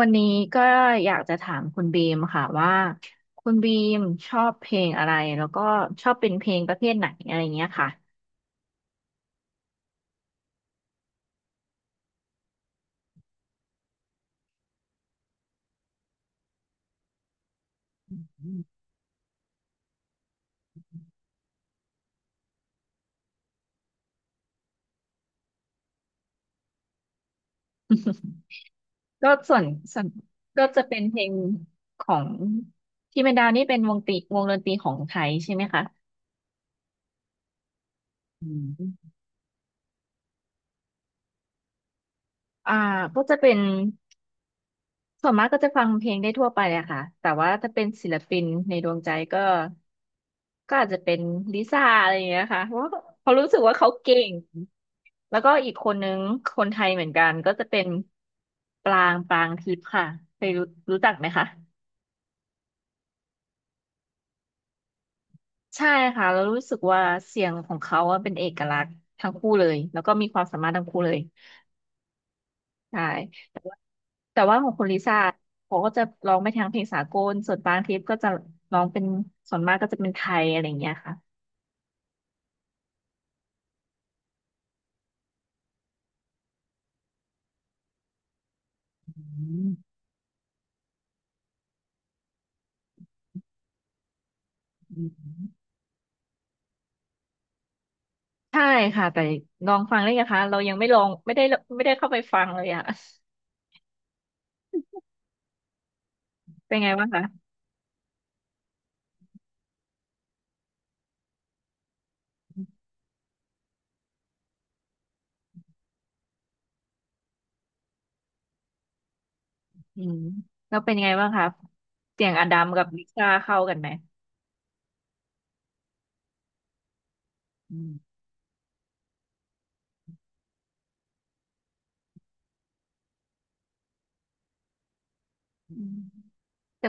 วันนี้ก็อยากจะถามคุณบีมค่ะว่าคุณบีมชอบเพลงอะไรแล้วก็ชอบเป็นเพลงประเภทไหนอะไรเงี้ยค่ะ อืม ก็ส่วนก็จะเป็นเพลงของที่เมนดาวนี่เป็นวงตีวงดนตรีของไทยใช่ไหมคะอืมอ่าก็จะเป็น ส่วนมากก็จะฟังเพลงได้ทั่วไปอะค่ะ แต่ว่าถ้าเป็นศิลปินในดวงใจก็อาจจะเป็นลิซ่าอะไรอย่างเงี้ยค่ะเพราะว่าเขารู้สึกว่าเขาเก่ง แล้วก็อีกคนนึงคนไทยเหมือนกันก็จะเป็นปรางทิพย์ค่ะเคยรู้รู้จักไหมคะ ใช่ค่ะแล้วรู้สึกว่าเสียงของเขาอะเป็นเอกลักษณ์ทั้งคู่เลย แล้วก็มีความสามารถทั้งคู่เลย ใช่แต่ว่าแต่ว่าของคุณลิซ่าเขาก็จะร้องไปทางเพลงสากลส่วนบางคลิปก็จะร้องเป็นส่วนมากก็จะเป็นไทยอะไรอย่างเงี้ยค่ะอืมอืมใช่ค่ะแต่ลองฟังได้นะคะเรายังไม่ลองไม่ได้ไม่ได้เข้าไปฟังเลยอะ เป็นไงบ้างคะอืมแล้วเป็นไงบ้างคะเสียงอดัมกับลิซ่าเข้ากันไหมอืมอืมแต่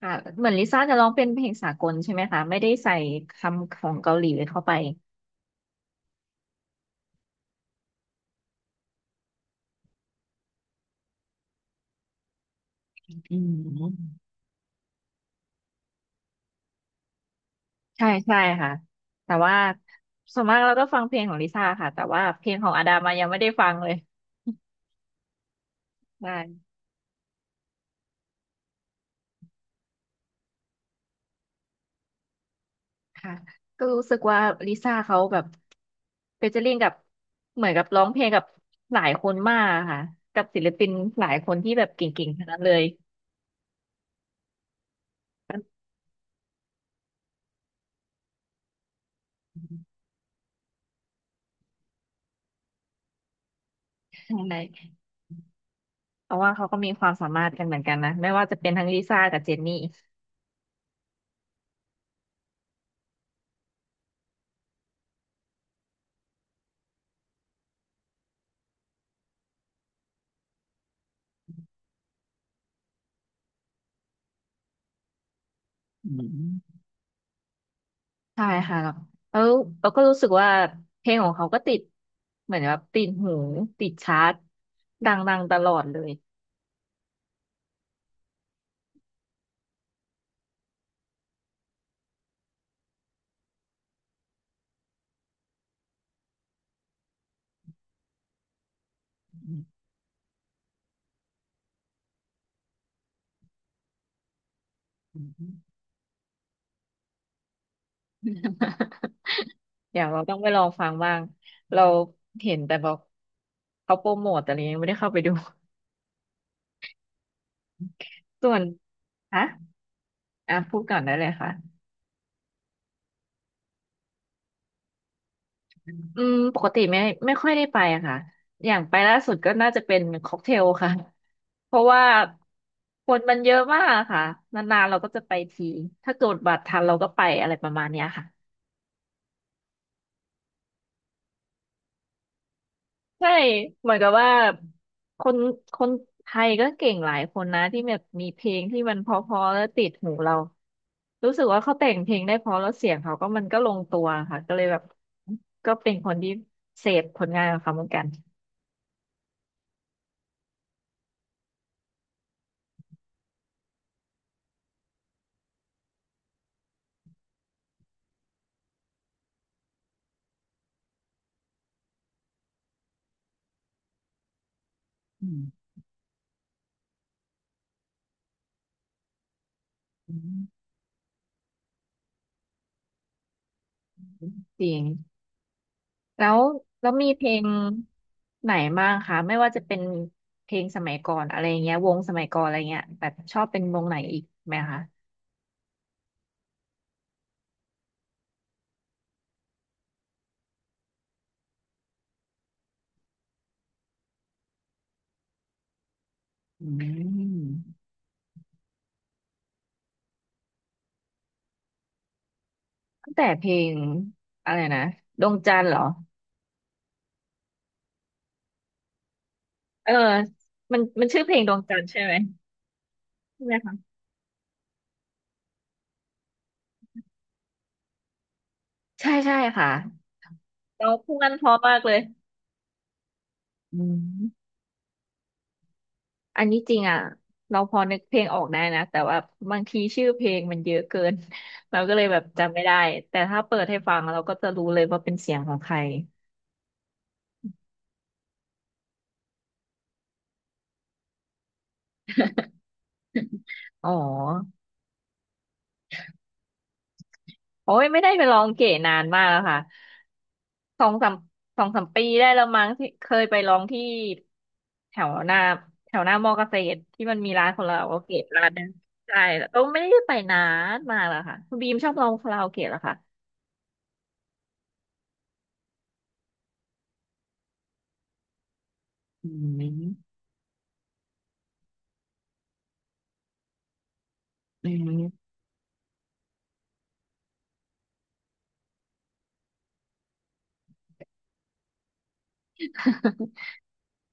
ค่ะเหมือนลิซ่าจะร้องเป็นเพลงสากลใช่ไหมคะไม่ได้ใส่คำของเกาหลีเข้าไปอืม ใช่ใช่ค่ะแต่ว่าส่วนมากเราก็ฟังเพลงของลิซ่าค่ะแต่ว่าเพลงของอาดามายังไม่ได้ฟังเลยใช่ค่ะก็รู้สึกว่าลิซ่าเขาแบบเฟเจอริ่งกับเหมือนกับร้องเพลงกับหลายคนมากค่ะกับศิลปินหลายคนที่แบบเก่งๆทั้งนั้นเลยใช่เพราะว่าเขาก็มีความสามารถกันเหมือนกันนะไม่ว่าจะเป็นทั้งลิซ่ากับเจนนี่อืม ใช่ค่ะแล้วเราก็รู้สึกว่าเพลงของเขาก็ติดเหมือนแบบติดหูติดชาร์ตดังๆตลอดเลยอืม เดี๋ยวเราต้องไปลองฟังบ้างเราเห็นแต่บอกเขาโปรโมทแต่เรายังไม่ได้เข้าไปดูส่วนฮะอ่ะพูดก่อนได้เลยค่ะ อืมปกติไม่ค่อยได้ไปอะค่ะอย่างไปล่าสุดก็น่าจะเป็นค็อกเทลค่ะ เพราะว่าคนมันเยอะมากอะค่ะนานๆเราก็จะไปทีถ้าเกิดบัตรทันเราก็ไปอะไรประมาณเนี้ยค่ะใช่เหมือนกับว่าคนคนไทยก็เก่งหลายคนนะที่แบบมีเพลงที่มันเพราะๆแล้วติดหูเรารู้สึกว่าเขาแต่งเพลงได้เพราะแล้วเสียงเขาก็มันก็ลงตัวค่ะก็เลยแบบก็เป็นคนที่เสพผลงานของเขาเหมือนกันอืมอืมจริง แล้วแล้วมีเพลงไหนบ้างคะไม่ว่าจะเป็นเพลงสมัยก่อนอะไรเงี้ยวงสมัยก่อนอะไรเงี้ยแบบชอบเป็นวงไหนอีกไหมคะอืมตั้งแต่เพลงอะไรนะดวงจันทร์เหรอเออมันชื่อเพลงดวงจันทร์ใช่ไหมใช่ไหมคะใช่ใช่ค่ะเราพูดกันเพราะมากเลยอืม อันนี้จริงอ่ะเราพอนึกเพลงออกได้นะแต่ว่าบางทีชื่อเพลงมันเยอะเกิน เราก็เลยแบบจำไม่ได้แต่ถ้าเปิดให้ฟังเราก็จะรู้เลยว่าเป็นเสียงของใครอ๋อโอ้ยไม่ได้ไปร้องเก๋นานมากแล้วค่ะสองสามสองสามปีได้แล้วมั้งที่เคยไปร้องที่แถวหน้าแถวหน้ามอเกษตรที่มันมีร้านของเราโอเคร้านนึงใช่แล้วก็ไม่ได้ไปนานมากแล้วค่ะคุณบีมชอบร้องคาราโอเกะเหรอคะอืมอืม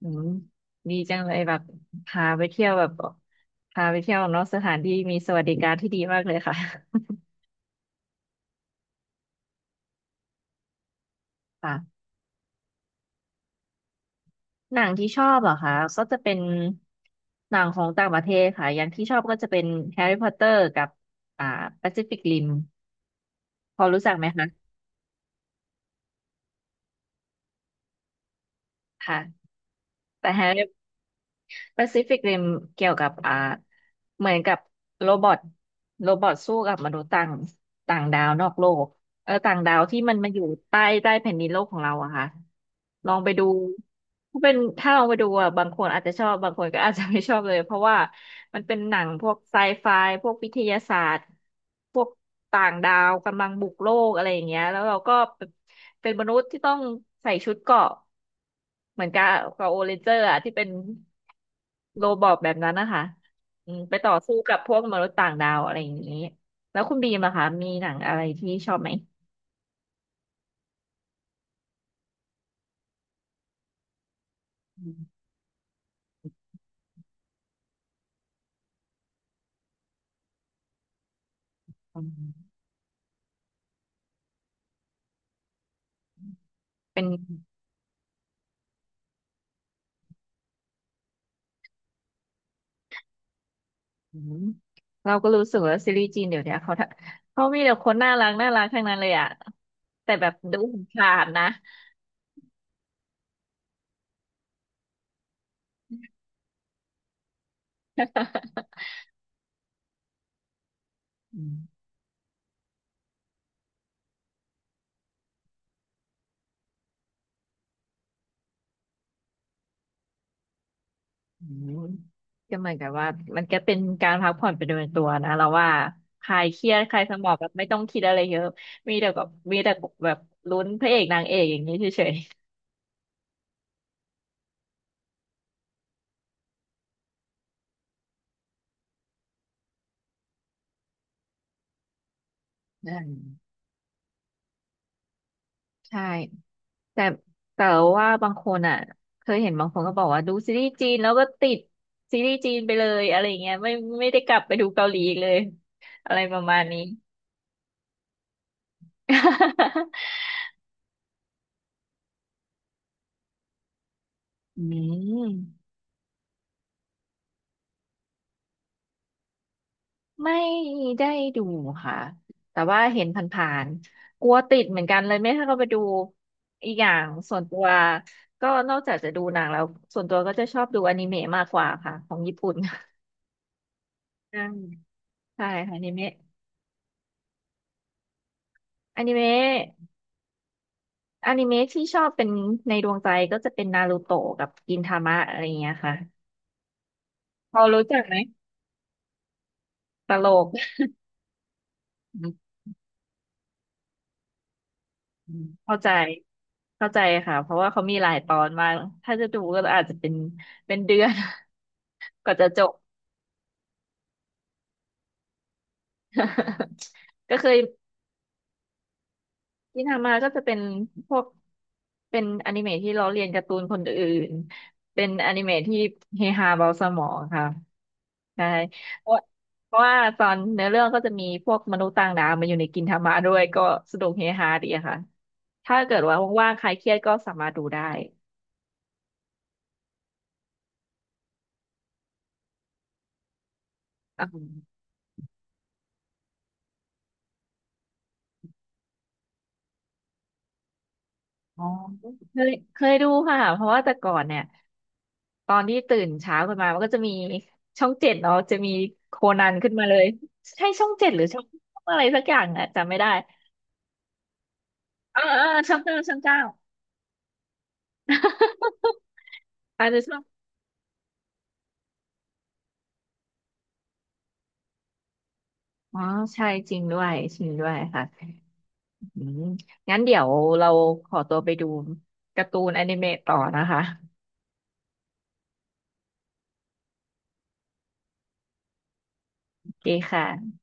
อืมดีจังเลยแบบพาไปเที่ยวแบบพาไปเที่ยวนอกสถานที่มีสวัสดิการที่ดีมากเลยค่ะค่ะหนังที่ชอบเหรอคะก็จะเป็นหนังของต่างประเทศค่ะอย่างที่ชอบก็จะเป็นแฮร์รี่พอตเตอร์กับอ่าแปซิฟิกริมพอรู้จักไหมคะค่ะแต่แฮร์รี่ แปซิฟิกริมเกี่ยวกับเหมือนกับโรบอทโรบอทสู้กับมนุษย์ต่างต่างดาวนอกโลกเออต่างดาวที่มันมาอยู่ใต้แผ่นดินโลกของเราอะค่ะลองไปดูถ้าเป็นถ้าลองไปดูอะบางคนอาจจะชอบบางคนก็อาจจะไม่ชอบเลยเพราะว่ามันเป็นหนังพวกไซไฟพวกวิทยาศาสตร์พวกต่างดาวกำลังบุกโลกอะไรอย่างเงี้ยแล้วเราก็เป็นมนุษย์ที่ต้องใส่ชุดเกราะเหมือนกับกับโอเรนเจอร์อะที่เป็น โรบอทแบบนั้นนะคะไปต่อสู้กับพวกมนุษย์ต่างดาวอะไรอย่างนี้แล้วคุณบีมล่ะคะมีหนังอะไรที่ชอบไหมอืมอืมเป็นอืมเราก็รู้สึกว่าซีรีส์จีนเดี๋ยวเนี้ยเขาทำเขามีแต่คนน่ารักน่ารักทั้งนั้นเลยอะแต่แบบดูผ่านๆนะ อืมอืมก็เหมือนกับว่ามันก็เป็นการพักผ่อนไปโดยตัวนะเราว่าคลายเครียดคลายสมองแบบไม่ต้องคิดอะไรเยอะมีแต่กับมีแต่แบบลุ้นพระเอกนางเอกอย่างนี้เฉย อืมใช่แต่แต่ว่าบางคนอ่ะเคยเห็นบางคนก็บอกว่าดูซีรีส์จีนแล้วก็ติดซีรีส์จีนไปเลยอะไรอย่างเงี้ยไม่ได้กลับไปดูเกาหลีอีกเลยอะไรประมาณนี้ อืมไม่ได้ดูค่ะแต่ว่าเห็นผ่านๆกลัวติดเหมือนกันเลยไม่ให้เขาไปดูอีกอย่างส่วนตัวก็นอกจากจะดูหนังแล้วส่วนตัวก็จะชอบดูอนิเมะมากกว่าค่ะของญี่ปุ่นใช่ ใช่ค่ะอนิเมะอนิเมะ อนิเมะที่ชอบเป็นในดวงใจก็จะเป็นนารูโตะกับกินทามะอะไรอย่างเงี้ยค่ะพอรู้จักไหมตลกอืมเข้าใจเข้าใจค่ะเพราะว่าเขามีหลายตอนมากถ้าจะดูก็อาจจะเป็นเดือน กว่าจะจบ ก็เคย ที่ทำมาก็จะเป็นพวกเป็นอนิเมะที่ล้อเลียนการ์ตูนคนอื่นเป็นอนิเมะที่เฮฮาเบาสมองค่ะใช่เพราะเพราะว่าตอนเนื้อเรื่องก็จะมีพวกมนุษย์ต่างดาวมาอยู่ในกินทามะด้วยก็สนุกเฮฮาดีอะค่ะถ้าเกิดว่าว่างๆใครเครียดก็สามารถดูได้อ๋อเคยดูค่ะเพราะว่าแต่ก่อนเนี่ย ตอนที่ตื่นเช้าขึ้นมามันก็จะมีช่องเจ็ดเนาะจะมีโคนันขึ้นมาเลยใช่ช่องเจ็ดหรือช่องช่องอะไรสักอย่างอะจำไม่ได้เออเออช่องเก้า อาจจะช่องอ๋อใช่จริงด้วยจริงด้วยค่ะอืมงั้นเดี๋ยวเราขอตัวไปดูการ์ตูนอนิเมะต่อนะคะโอเคค่ะ